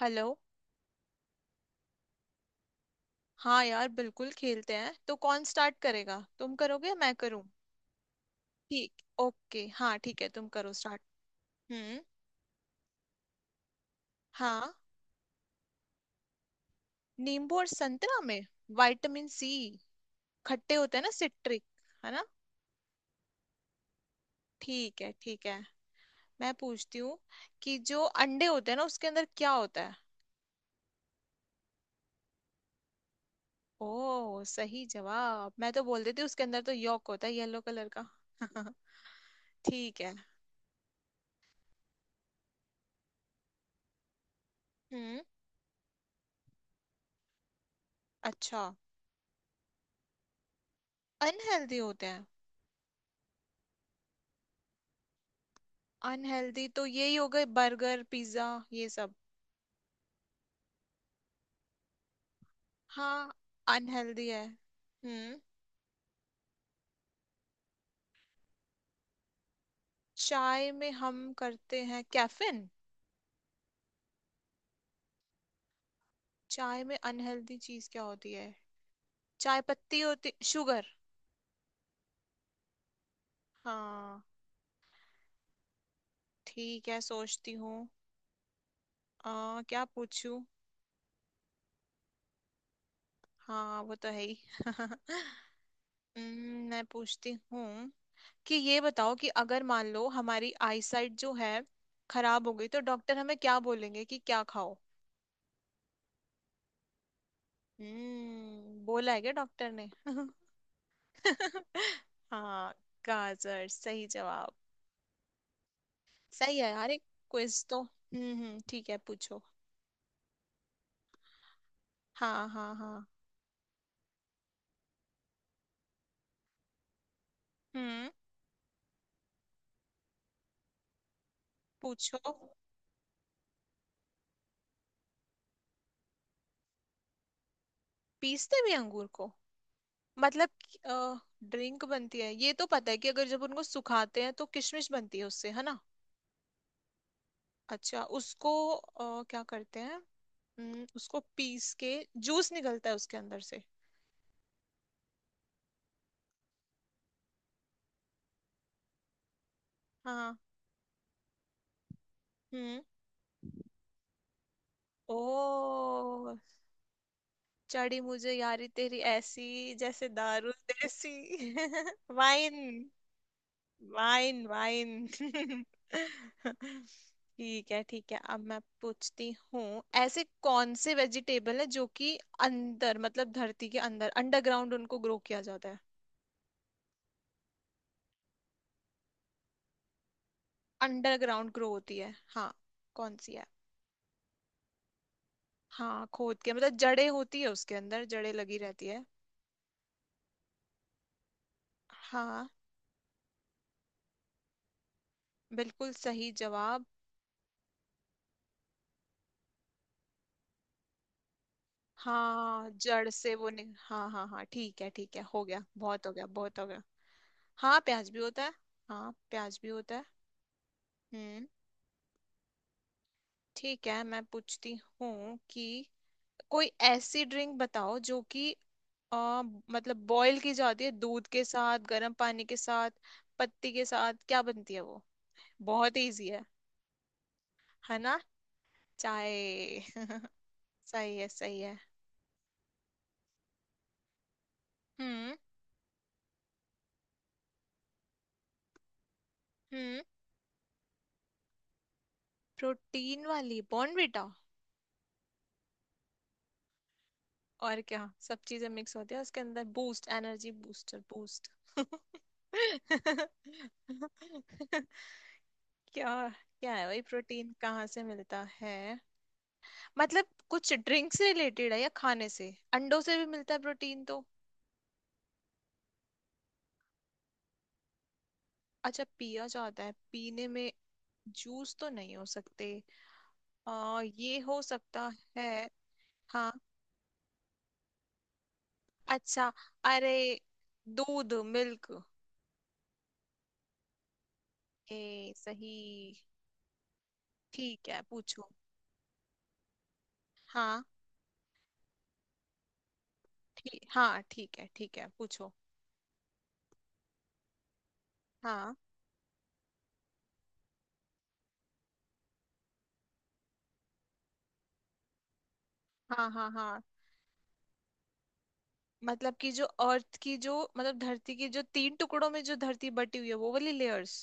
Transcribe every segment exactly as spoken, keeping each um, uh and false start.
Hello. हाँ यार बिल्कुल खेलते हैं। तो कौन स्टार्ट करेगा, तुम करोगे या मैं करूँ? ठीक, ओके, हाँ ठीक है, तुम करो स्टार्ट। हम्म। हाँ। नींबू और संतरा में? Vitamin C. खट्टे होते हैं ना, सिट्रिक। है ना? ठीक है। ठीक है मैं पूछती हूँ कि जो अंडे होते हैं ना, उसके अंदर क्या होता है? ओ, सही जवाब। मैं तो बोल देती हूँ, उसके अंदर तो यॉक होता है, येलो कलर का। ठीक है। हम्म। अच्छा। अनहेल्दी होते हैं। अनहेल्दी तो यही हो गए, बर्गर पिज्जा, ये सब। हाँ, अनहेल्दी है। हम्म। चाय में हम करते हैं कैफीन। चाय में अनहेल्दी चीज क्या होती है? चाय पत्ती, होती शुगर। हाँ ठीक है, सोचती हूँ। आ क्या पूछूं? हाँ वो तो है ही। हम्म, मैं पूछती हूँ कि ये बताओ कि अगर मान लो हमारी आईसाइट जो है खराब हो गई, तो डॉक्टर हमें क्या बोलेंगे कि क्या खाओ? हम्म, बोला है क्या डॉक्टर ने? हाँ। गाजर, सही जवाब। सही है यार। एक क्विज तो, हम्म हम्म, ठीक है पूछो। हाँ हाँ हाँ। हम्म। पूछो। पीसते भी अंगूर को? मतलब? ड्रिंक बनती है, ये तो पता है कि अगर जब उनको सुखाते हैं तो किशमिश बनती है उससे, है ना? अच्छा, उसको अ, क्या करते हैं? हम्म, उसको पीस के जूस निकलता है उसके अंदर से। हाँ। हम्म। ओ। चढ़ी मुझे यारी तेरी ऐसी जैसे दारू देसी। वाइन। Wine wine. ठीक है ठीक है। अब मैं पूछती हूँ, ऐसे कौन से वेजिटेबल है जो कि अंदर, मतलब धरती के अंदर, अंडरग्राउंड उनको ग्रो किया जाता है। अंडरग्राउंड ग्रो होती है, हाँ। कौन सी है? हाँ, खोद के, मतलब जड़ें होती है उसके अंदर, जड़ें लगी रहती है। हाँ, बिल्कुल सही जवाब। हाँ जड़ से वो नि..., हाँ हाँ हाँ, ठीक है ठीक है, हो गया, बहुत हो गया, बहुत हो गया। हाँ, प्याज भी होता है। हाँ, प्याज भी होता है। हम्म। ठीक है, मैं पूछती हूँ कि कोई ऐसी ड्रिंक बताओ जो कि अ, मतलब बॉईल की जाती है दूध के साथ, गर्म पानी के साथ, पत्ती के साथ। क्या बनती है वो? बहुत इजी है। है ना? चाय। सही है सही है। हम्म। हम्म। प्रोटीन वाली बॉर्नविटा। और क्या, सब चीजें मिक्स होती है उसके अंदर, बूस्ट, एनर्जी बूस्टर, बूस्ट। क्या? क्या है भाई, प्रोटीन कहाँ से मिलता है? मतलब कुछ ड्रिंक से रिलेटेड है या खाने से? अंडों से भी मिलता है प्रोटीन तो। अच्छा, पिया जाता है, पीने में? जूस तो नहीं हो सकते। आ, ये हो सकता है। हाँ। अच्छा। अरे, दूध, मिल्क। ए, सही। ठीक है पूछो। हाँ। ठी- हाँ ठीक है ठीक है पूछो। हाँ हाँ हाँ। हाँ। मतलब कि जो अर्थ की जो, मतलब धरती की जो तीन टुकड़ों में जो धरती बटी हुई है, वो वाली लेयर्स।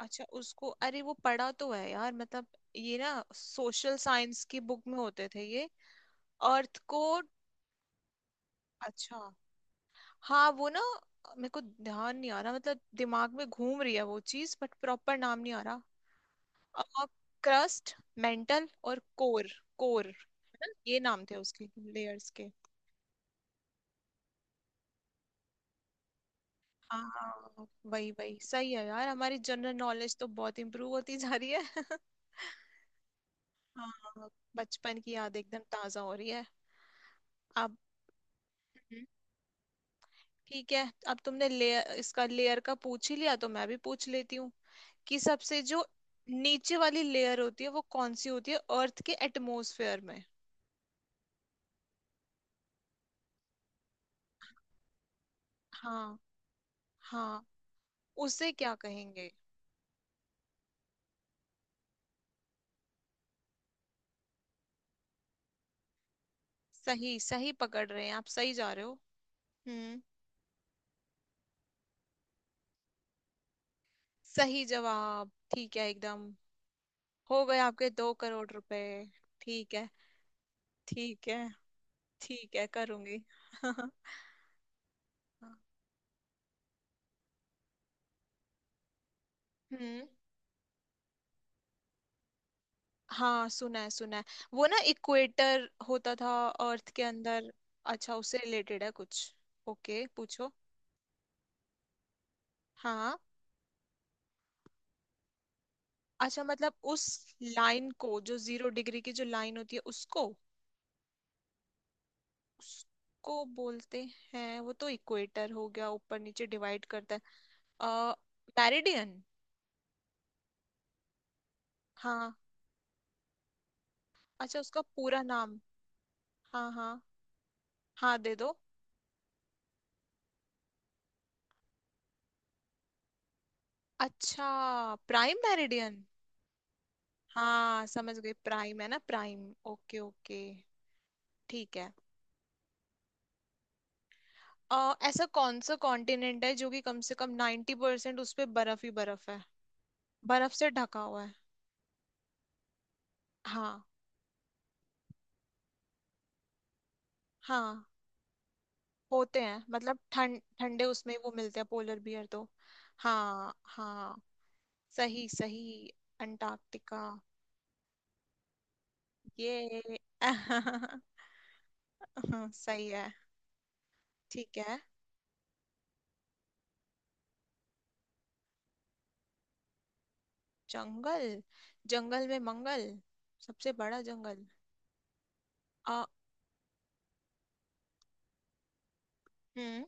अच्छा, उसको, अरे वो पढ़ा तो है यार, मतलब ये ना सोशल साइंस की बुक में होते थे ये। अर्थ को। अच्छा। हाँ वो ना, मेरे को ध्यान नहीं आ रहा, मतलब दिमाग में घूम रही है वो चीज बट प्रॉपर नाम नहीं आ रहा। क्रस्ट, मेंटल और कोर। कोर। ये नाम थे उसके लेयर्स के। हाँ, वही वही। सही है यार, हमारी जनरल नॉलेज तो बहुत इम्प्रूव होती जा रही है। हाँ, बचपन की याद एकदम ताजा हो रही है। अब, हम्म, ठीक है। अब तुमने लेयर, इसका लेयर का पूछ ही लिया तो मैं भी पूछ लेती हूँ कि सबसे जो नीचे वाली लेयर होती है, वो कौन सी होती है अर्थ के एटमॉस्फेयर में? हाँ। हाँ, उसे क्या कहेंगे? सही सही पकड़ रहे हैं, आप सही जा रहे हो। हम्म। सही जवाब, ठीक है एकदम। हो गए आपके दो करोड़ रुपए। ठीक है। ठीक है। ठीक है, करूंगी। हम्म। हाँ सुना है सुना है। वो ना इक्वेटर होता था अर्थ के अंदर। अच्छा, उससे रिलेटेड है कुछ? ओके पूछो। हाँ। अच्छा, मतलब उस लाइन को, जो जीरो डिग्री की जो लाइन होती है, उसको? उसको बोलते हैं, वो तो इक्वेटर हो गया, ऊपर नीचे डिवाइड करता है। आ मेरिडियन। हाँ, अच्छा, उसका पूरा नाम? हाँ हाँ। हाँ दे दो। अच्छा, प्राइम मेरिडियन। हाँ समझ गई, प्राइम, है ना प्राइम। Okay okay. ठीक है। अ, ऐसा कौन सा कॉन्टिनेंट है जो कि कम से कम नाइन्टी परसेंट उस पे बर्फ ही बर्फ है, बर्फ से ढका हुआ है? हाँ। हाँ, होते हैं, मतलब ठंड, ठंडे उसमें वो मिलते हैं पोलर बियर तो। हाँ हाँ। सही सही, अंटार्कटिका। ये, सही है। ठीक है। जंगल। जंगल में मंगल। सबसे बड़ा जंगल। आ, हम्म।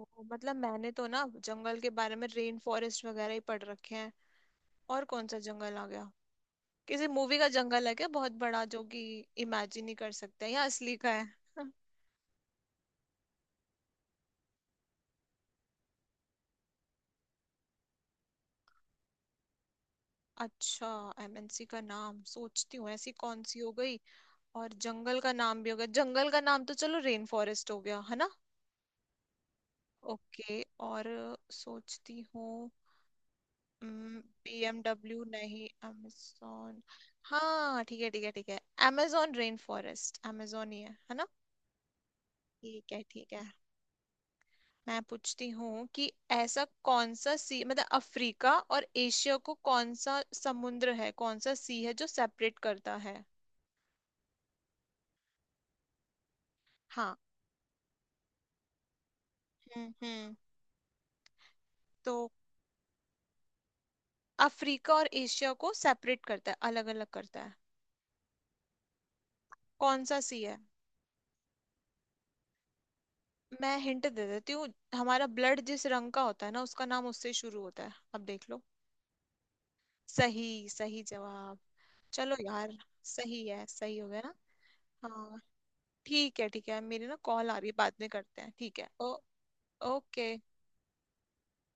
ओ, मतलब मैंने तो ना जंगल के बारे में रेन फॉरेस्ट वगैरह ही पढ़ रखे हैं। और कौन सा जंगल आ गया? किसी मूवी का जंगल है क्या, बहुत बड़ा जो कि इमेजिन ही कर सकते हैं, या असली का है? अच्छा, एमएनसी का नाम सोचती हूँ, ऐसी कौन सी हो गई? और जंगल का नाम भी हो गया, जंगल का नाम तो चलो रेन फॉरेस्ट हो गया, है ना? ओके। और, सोचती हूँ। बीएमडब्ल्यू, नहीं, amazon। हाँ ठीक है ठीक है ठीक है। amazon रेन फॉरेस्ट, amazon ही है है ना? ठीक है ठीक है। मैं पूछती हूँ कि ऐसा कौन सा सी, मतलब अफ्रीका और एशिया को, कौन सा समुद्र है, कौन सा सी है, जो सेपरेट करता है? हाँ। हम्म हम्म। तो अफ्रीका और एशिया को सेपरेट करता है, अलग अलग करता है, कौन सा सी है? मैं हिंट दे देती हूँ। हमारा ब्लड जिस रंग का होता है ना, उसका नाम उससे शुरू होता है, अब देख लो। सही, सही जवाब। चलो यार। सही है, सही हो गया ना। हाँ ठीक है ठीक है, मेरी ना कॉल आ रही है, बाद में करते हैं, ठीक है? ओ ओके।